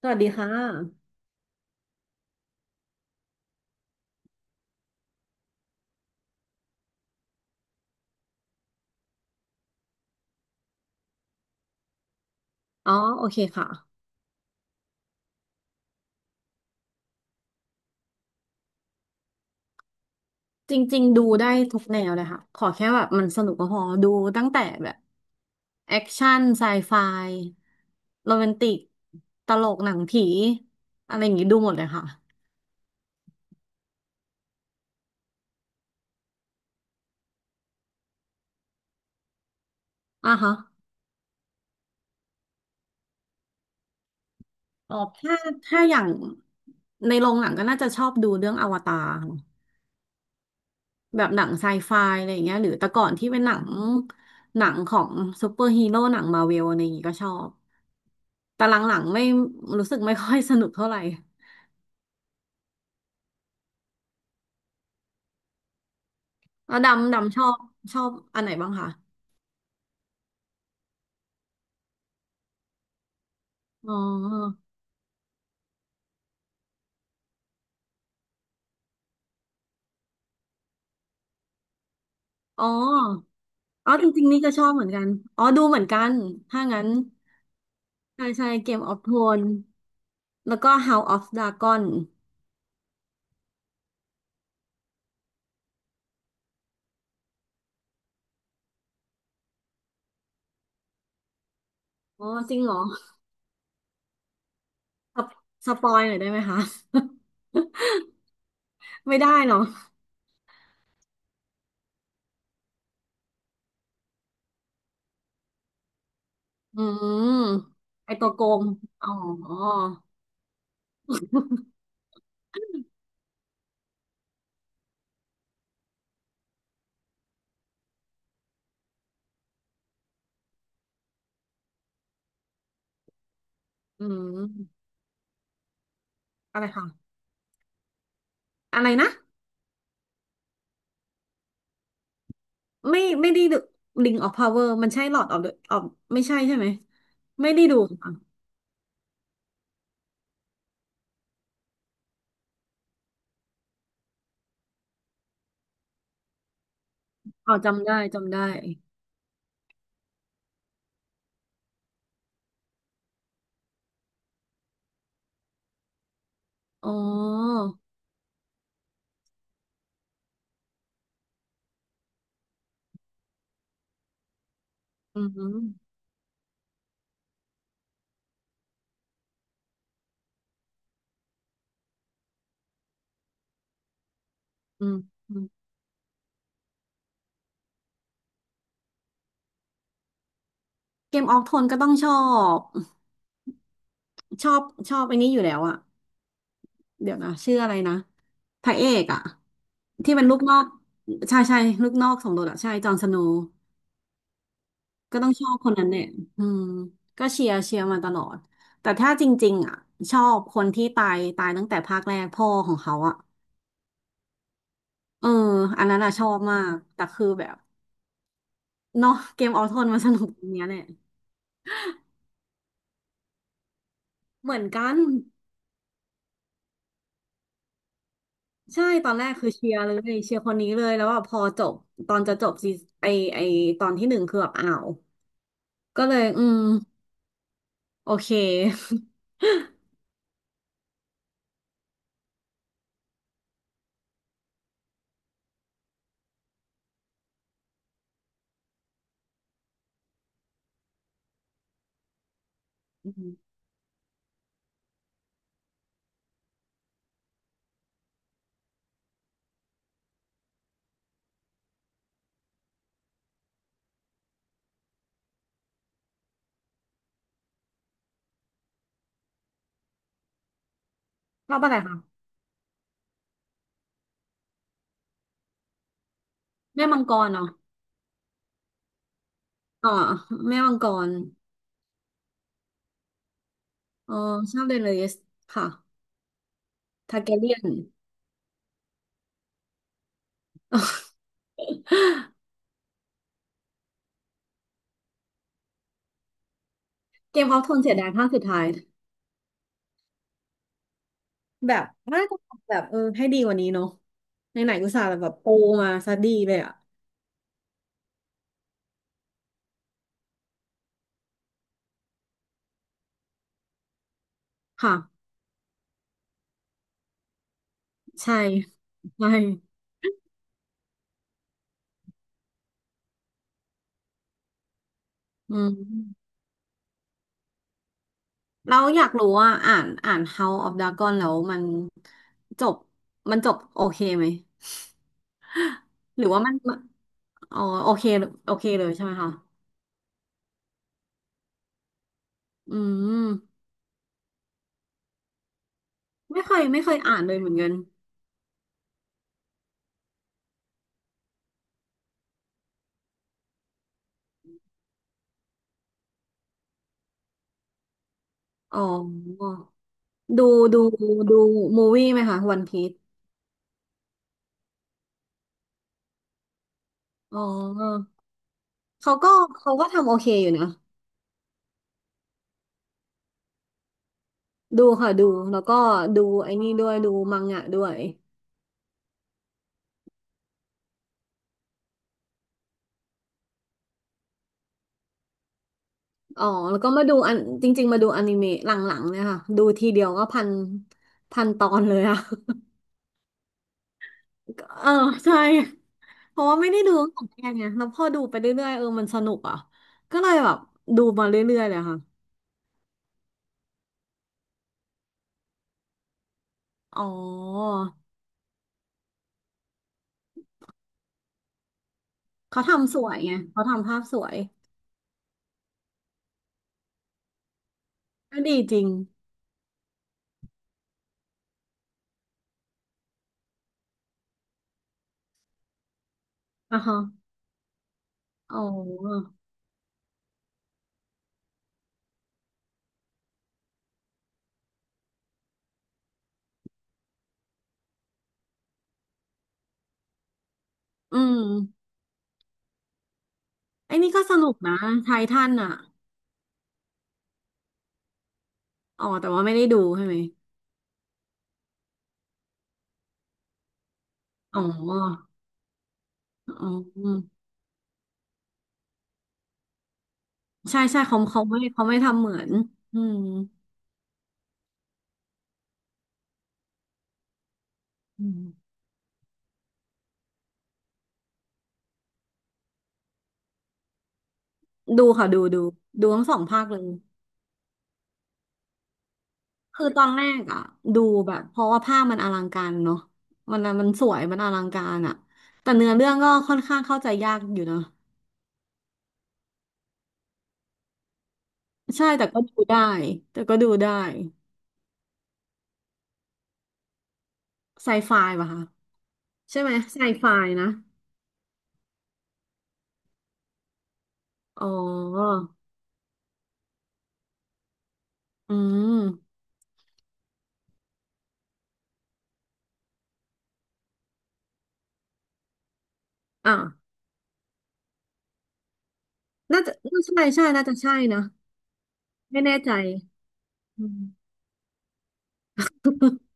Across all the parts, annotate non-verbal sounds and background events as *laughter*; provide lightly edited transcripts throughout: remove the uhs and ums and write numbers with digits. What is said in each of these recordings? สวัสดีค่ะ อ๋อ โอเคค่ะ จริงๆ ดูได้ทุกแนวเลยค่ะ ขอแค่แบบมันสนุกก็พอ ดูตั้งแต่แบบแอคชั่นไซไฟโรแมนติก ตลกหนังผีอะไรอย่างงี้ดูหมดเลยค่ะอ่ะฮะอ๋อถ้าอย่างในโรงหนังก็น่าจะชอบดูเรื่องอวตาร แบบหนังไซไฟอะไรอย่างเงี้ยหรือแต่ก่อนที่เป็นหนังของซูเปอร์ฮีโร่หนังมาเวลอะไรอย่างงี้ก็ชอบแต่หลังๆไม่รู้สึกไม่ค่อยสนุกเท่าไหร่แล้วดำดำชอบอันไหนบ้างคะอ๋ออ๋อ อ๋อจริงๆนี่ก็ชอบเหมือนกัน อ๋อดูเหมือนกันถ้างั้นใช่ใช่เกมออฟโทนแล้วก็ House of Dragon อ๋อจริงเหรอสปสปอยหน่อยได้ไหมคะ *laughs* ไม่ได้เนาะ อืมไอตัวโกงอ๋ออืมอะไรค่ะอะไรนะไม่ได้ดู Ring of Power มันใช่ Lord of the of ไม่ใช่ใช่ไหมไม่ได้ดูค่ะอ๋อจำได้จำได้อ๋ออืมอืมอืมเกมออกโทนก็ต้องชอบชอบชอบไอ้นี้อยู่แล้วอะเดี๋ยวนะชื่ออะไรนะพระเอกอะที่เป็นลูกนอกใช่ใช่ลูกนอกสมโดดอะใช่จอห์นสโนว์ ก็ต้องชอบคนนั้นเนี่ยอืมก็เชียร์เชียร์มาตลอดแต่ถ้าจริงๆอ่ะชอบคนที่ตายตั้งแต่ภาคแรกพ่อของเขาอ่ะเอออันนั้นอ่ะชอบมากแต่คือแบบเนาะเกมออโทนมันสนุกตรงเนี้ยแหละเหมือนกันใช่ตอนแรกคือเชียร์เลยเชียร์คนนี้เลยแล้วว่าพอจบตอนจะจบซีไอไอตอนที่หนึ่งคือแบบอ้าวก็เลยอืมโอเค *laughs* อืมชอบอะไรคะแม่มังกรเนาะอ๋อแม่มังกรอ๋อชอบเดนเลสค่ะ ทาร์แก *gasps* เรียนเกมออฟโทนเสียดายภาคสุดท้ายแบบน่าจะทำแบบเออให้ดีกว่านี้เนาะในไหนๆอุตส่าห์แบบโปรมาซะดีเลยอะค่ะใช่ใช่อืมเราอยากรู้ว่าอ่านHouse of Dragon แล้วมันจบจบโอเคไหมหรือว่ามันอ๋อโอเคโอเคเลยใช่ไหมคะอืมไม่เคยอ่านเลยเหมือนกันอ๋อดูดูดูมูวี่ไหมคะวันพี e อ๋อ เขาก็ทำโอเคอยู่นะดูค่ะดูแล้วก็ดูไอ้นี่ด้วยดูมังงะด้วยอ๋อแล้วก็มาดูอันจริงๆมาดูอนิเมะหลังๆเนี่ยค่ะดูทีเดียวก็พันตอนเลยอะ *laughs* เออใช่เพราะว่าไม่ได้ดูตั้งแต่แรกไงแล้วพอดูไปเรื่อยๆเออมันสนุกอ่ะก็เลยแบบดูมาเรื่อยๆเลยค่ะอ๋อเขาทำสวยไงเขาทำภาพสวยก็ดีจริงอ่ะฮะอ๋ออืมไอ้นี่ก็สนุกนะไททันอ่ะ อ๋อแต่ว่าไม่ได้ดูใช่ไหมอ๋ออ๋อใช่ใช่เขาไม่เขาไม่ทำเหมือนอืมอืมดูค่ะดูดูดูทั้งสองภาคเลยคือตอนแรกอ่ะดูแบบเพราะว่าภาพมันอลังการเนาะมันมันสวยมันอลังการอ่ะแต่เนื้อเรื่องก็ค่อนข้างเข้าใจยากอยู่นะใช่แต่ก็ดูได้แต่ก็ดูได้ไซไฟป่ะคะใช่ไหมไซไฟนะอ๋ออืมอ่ะน่าจะน่าใช่ใช่น่าจะใช่นะไม่แน่ใจ อืม *laughs*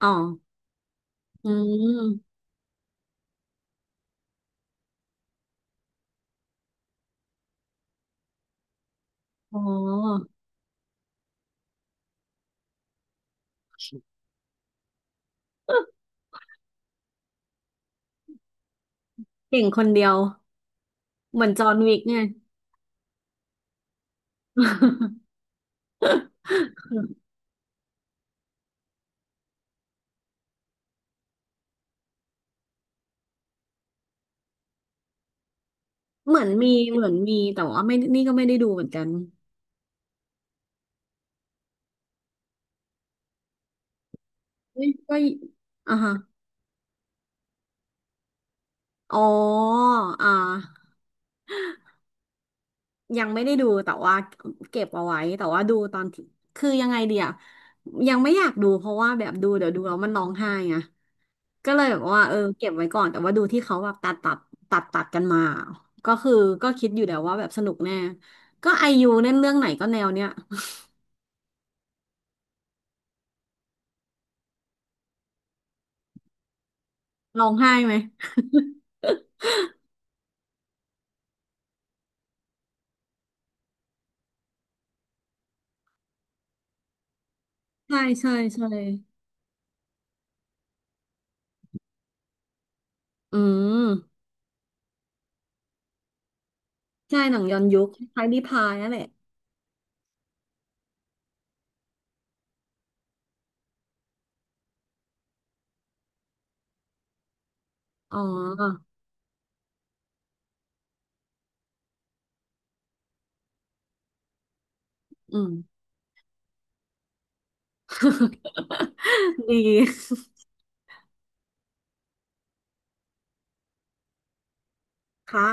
อ๋ออืมอ๋อเก่งคนเดียวเหมือนจอห์นวิกไง *laughs* เหมือนมีแต่ว่าไม่นี่ก็ไม่ได้ดูเหมือนกันเฮ้ยก็อ่ะฮะอ๋ออ่ายังไม่ได้ดูแต่ว่าเก็บเอาไว้ แต่ว่าดูตอนที่คือยังไงเดียวยังไม่อยากดูเพราะว่าแบบดูเดี๋ยวดูแล้วมันร้องไห้ไง ก็เลยแบบว่าเออเก็บไว้ก่อนแต่ว่าดูที่เขาแบบตัดตัดกันมาก็คือก็คิดอยู่แล้วว่าแบบสนุกแน่ก็ไอยูเล่นเรื่องไหนก็แนวเนี้ย *laughs* ร้องไห้ไหม *laughs* ใช่ใช่ใช่อืมใช่หนังย้อนยุคคล้ายๆนิพายนั่นแหละอ๋ออืม *laughs* ดีค่ะ